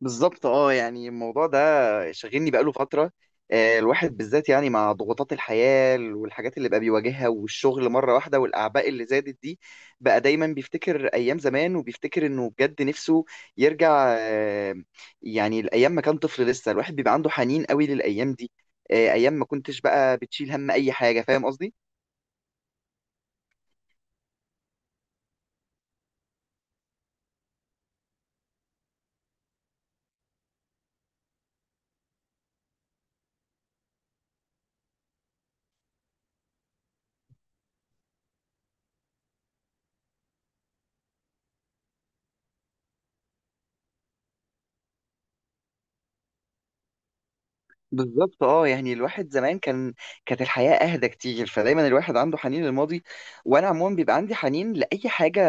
بالظبط اه يعني الموضوع ده شاغلني بقاله فترة. الواحد بالذات يعني مع ضغوطات الحياة والحاجات اللي بقى بيواجهها والشغل مرة واحدة والأعباء اللي زادت دي، بقى دايما بيفتكر أيام زمان وبيفتكر إنه بجد نفسه يرجع. يعني الأيام ما كان طفل لسه، الواحد بيبقى عنده حنين قوي للأيام دي. أيام ما كنتش بقى بتشيل هم أي حاجة. فاهم قصدي؟ بالظبط اه يعني الواحد زمان كانت الحياة اهدى كتير، فدايما الواحد عنده حنين للماضي. وانا عموما بيبقى عندي حنين لاي حاجة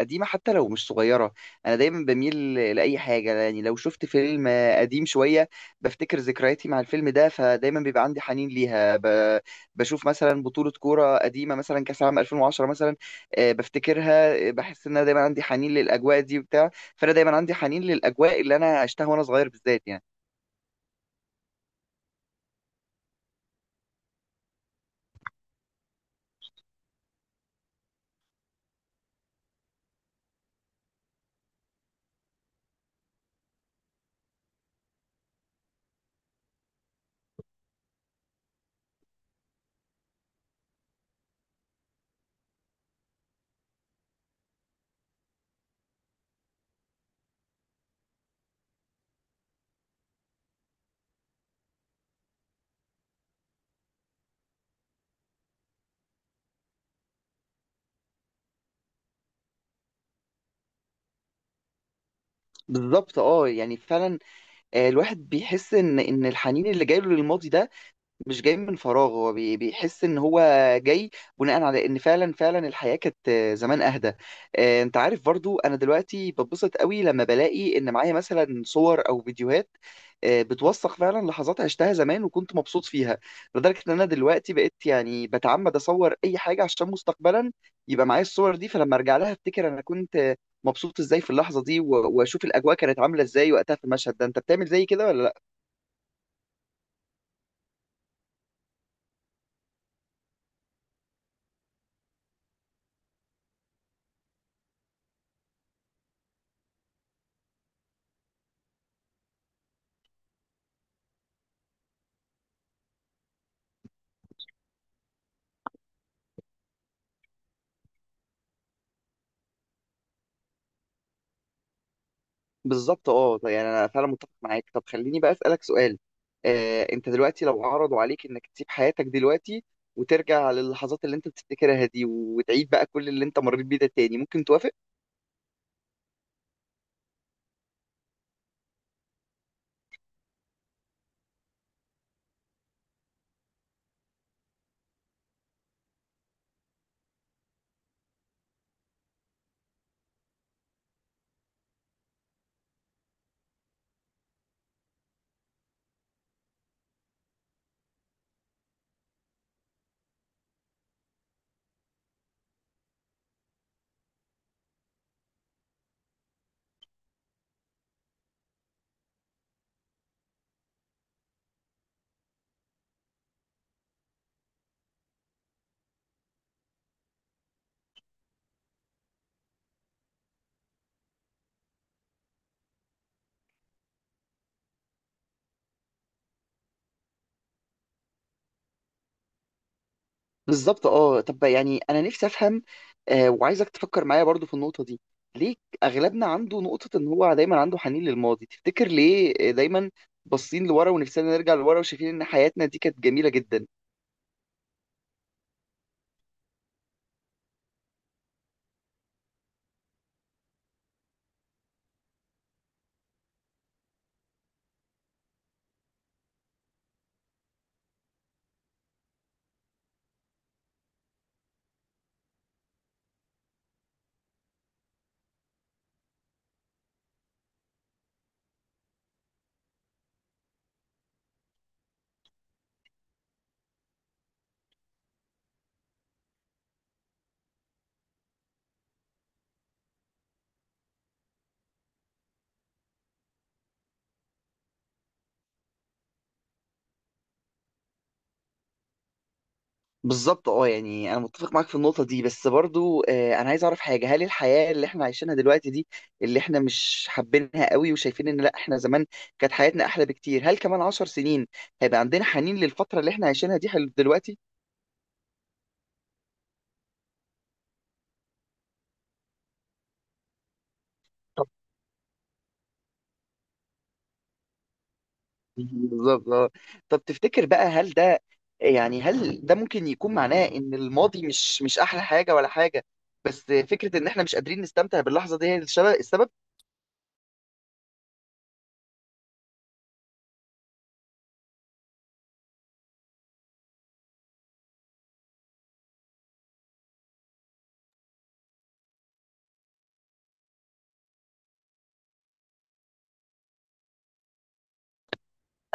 قديمة حتى لو مش صغيرة. انا دايما بميل لاي حاجة، يعني لو شفت فيلم قديم شوية بفتكر ذكرياتي مع الفيلم ده، فدايما بيبقى عندي حنين ليها. بشوف مثلا بطولة كورة قديمة، مثلا كأس العالم 2010 مثلا. بفتكرها. بحس ان انا دايما عندي حنين للاجواء دي وبتاع. فانا دايما عندي حنين للاجواء اللي انا عشتها وانا صغير بالذات يعني. بالظبط اه يعني فعلا. الواحد بيحس ان الحنين اللي جايله للماضي ده مش جاي من فراغ. هو بيحس ان هو جاي بناء على ان فعلا فعلا الحياه كانت زمان اهدى. انت عارف برضو انا دلوقتي ببسط قوي لما بلاقي ان معايا مثلا صور او فيديوهات بتوثق فعلا لحظات عشتها زمان وكنت مبسوط فيها، لدرجه ان انا دلوقتي بقيت يعني بتعمد اصور اي حاجه عشان مستقبلا يبقى معايا الصور دي. فلما ارجع لها افتكر انا كنت مبسوط ازاي في اللحظه دي واشوف الاجواء كانت عامله ازاي وقتها في المشهد ده. انت بتعمل زي كده ولا لا؟ بالظبط اه، طيب يعني انا فعلا متفق معاك. طب خليني بقى اسالك سؤال. انت دلوقتي لو عرضوا عليك انك تسيب حياتك دلوقتي وترجع للحظات اللي انت بتفتكرها دي، وتعيد بقى كل اللي انت مريت بيه ده تاني، ممكن توافق؟ بالظبط اه، طب يعني انا نفسي افهم. وعايزك تفكر معايا برضو في النقطه دي. ليه اغلبنا عنده نقطه ان هو دايما عنده حنين للماضي؟ تفتكر ليه دايما باصين لورا ونفسنا نرجع لورا وشايفين ان حياتنا دي كانت جميله جدا؟ بالظبط اه يعني انا متفق معاك في النقطه دي. بس برضو انا عايز اعرف حاجه. هل الحياه اللي احنا عايشينها دلوقتي دي، اللي احنا مش حابينها قوي وشايفين ان لا، احنا زمان كانت حياتنا احلى بكتير، هل كمان عشر سنين هيبقى عندنا حنين للفتره اللي احنا عايشينها دي دلوقتي؟ طب. بالظبط اه. طب تفتكر بقى، هل ده يعني هل ده ممكن يكون معناه ان الماضي مش احلى حاجه ولا حاجه؟ بس فكره ان احنا مش قادرين نستمتع باللحظه دي هي السبب؟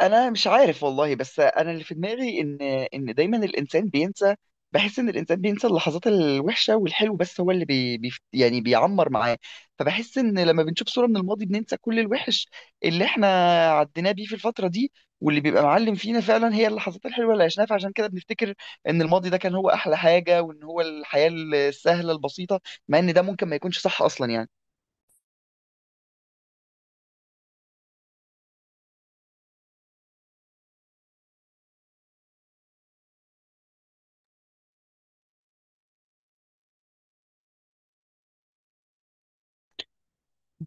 انا مش عارف والله. بس انا اللي في دماغي ان دايما الانسان بينسى. بحس ان الانسان بينسى اللحظات الوحشه والحلو بس هو اللي بي بي يعني بيعمر معاه. فبحس ان لما بنشوف صوره من الماضي بننسى كل الوحش اللي احنا عديناه بيه في الفتره دي، واللي بيبقى معلم فينا فعلا هي اللحظات الحلوه اللي عشناها. فعشان كده بنفتكر ان الماضي ده كان هو احلى حاجه، وان هو الحياه السهله البسيطه، مع ان ده ممكن ما يكونش صح اصلا يعني.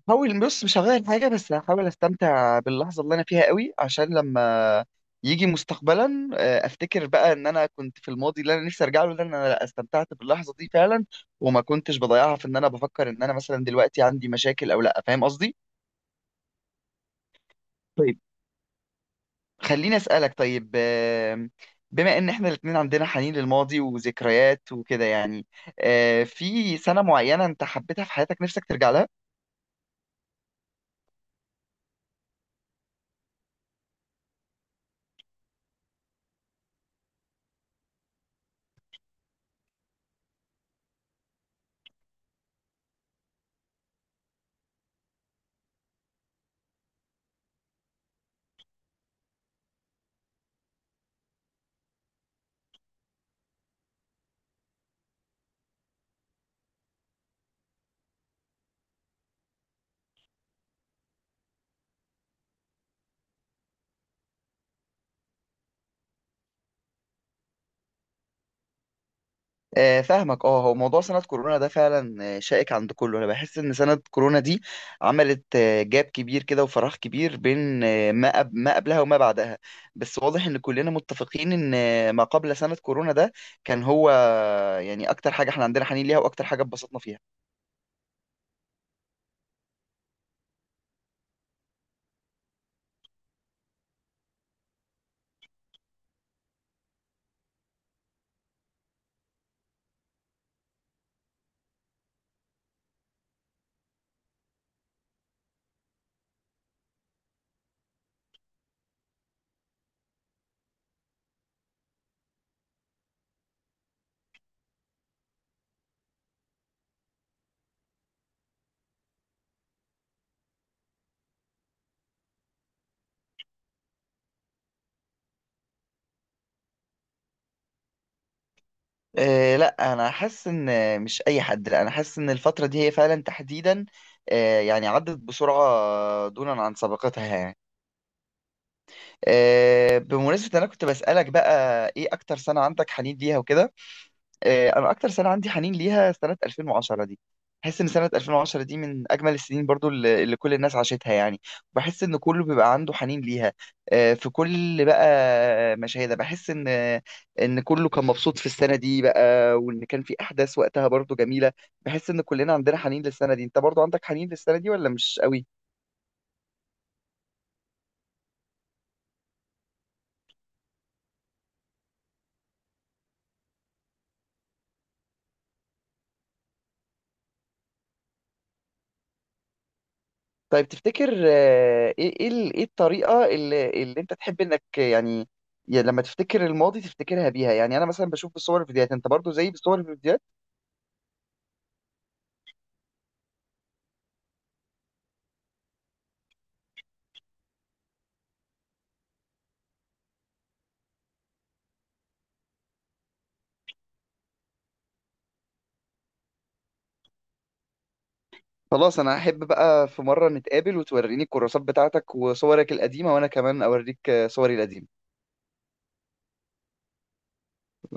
هحاول، بص، مش هغير حاجة، بس هحاول استمتع باللحظة اللي انا فيها قوي عشان لما يجي مستقبلا افتكر بقى ان انا كنت في الماضي اللي انا نفسي ارجع له ده، ان انا لا، استمتعت باللحظة دي فعلا وما كنتش بضيعها في ان انا بفكر ان انا مثلا دلوقتي عندي مشاكل او لا. فاهم قصدي؟ طيب، خليني اسألك طيب. بما ان احنا الاتنين عندنا حنين للماضي وذكريات وكده، يعني في سنة معينة انت حبيتها في حياتك نفسك ترجع لها؟ فاهمك اه. هو موضوع سنة كورونا ده فعلا شائك عند كله. انا بحس ان سنة كورونا دي عملت جاب كبير كده وفراغ كبير بين ما قبلها وما بعدها. بس واضح ان كلنا متفقين ان ما قبل سنة كورونا ده كان هو يعني اكتر حاجة احنا عندنا حنين ليها واكتر حاجة اتبسطنا فيها. لا انا حاسس ان مش اي حد. لا انا حاسس ان الفترة دي هي فعلا تحديدا يعني عدت بسرعة دونا عن سابقتها يعني. بمناسبة إن أنا كنت بسألك بقى إيه أكتر سنة عندك حنين ليها وكده، أنا أكتر سنة عندي حنين ليها سنة 2010 دي. بحس إن سنة 2010 دي من أجمل السنين برضو اللي كل الناس عاشتها يعني. بحس إن كله بيبقى عنده حنين ليها. في كل بقى مشاهدة بحس إن كله كان مبسوط في السنة دي بقى، وإن كان في أحداث وقتها برضو جميلة. بحس إن كلنا عندنا حنين للسنة دي. أنت برضو عندك حنين للسنة دي ولا مش قوي؟ طيب تفتكر إيه الطريقه اللي انت تحب انك، يعني يعني لما تفتكر الماضي تفتكرها بيها؟ يعني انا مثلا بشوف بالصور الفيديوهات، انت برضو زي، بالصور الفيديوهات؟ خلاص، انا احب بقى في مره نتقابل وتوريني الكراسات بتاعتك وصورك القديمه، وانا كمان اوريك صوري القديمه.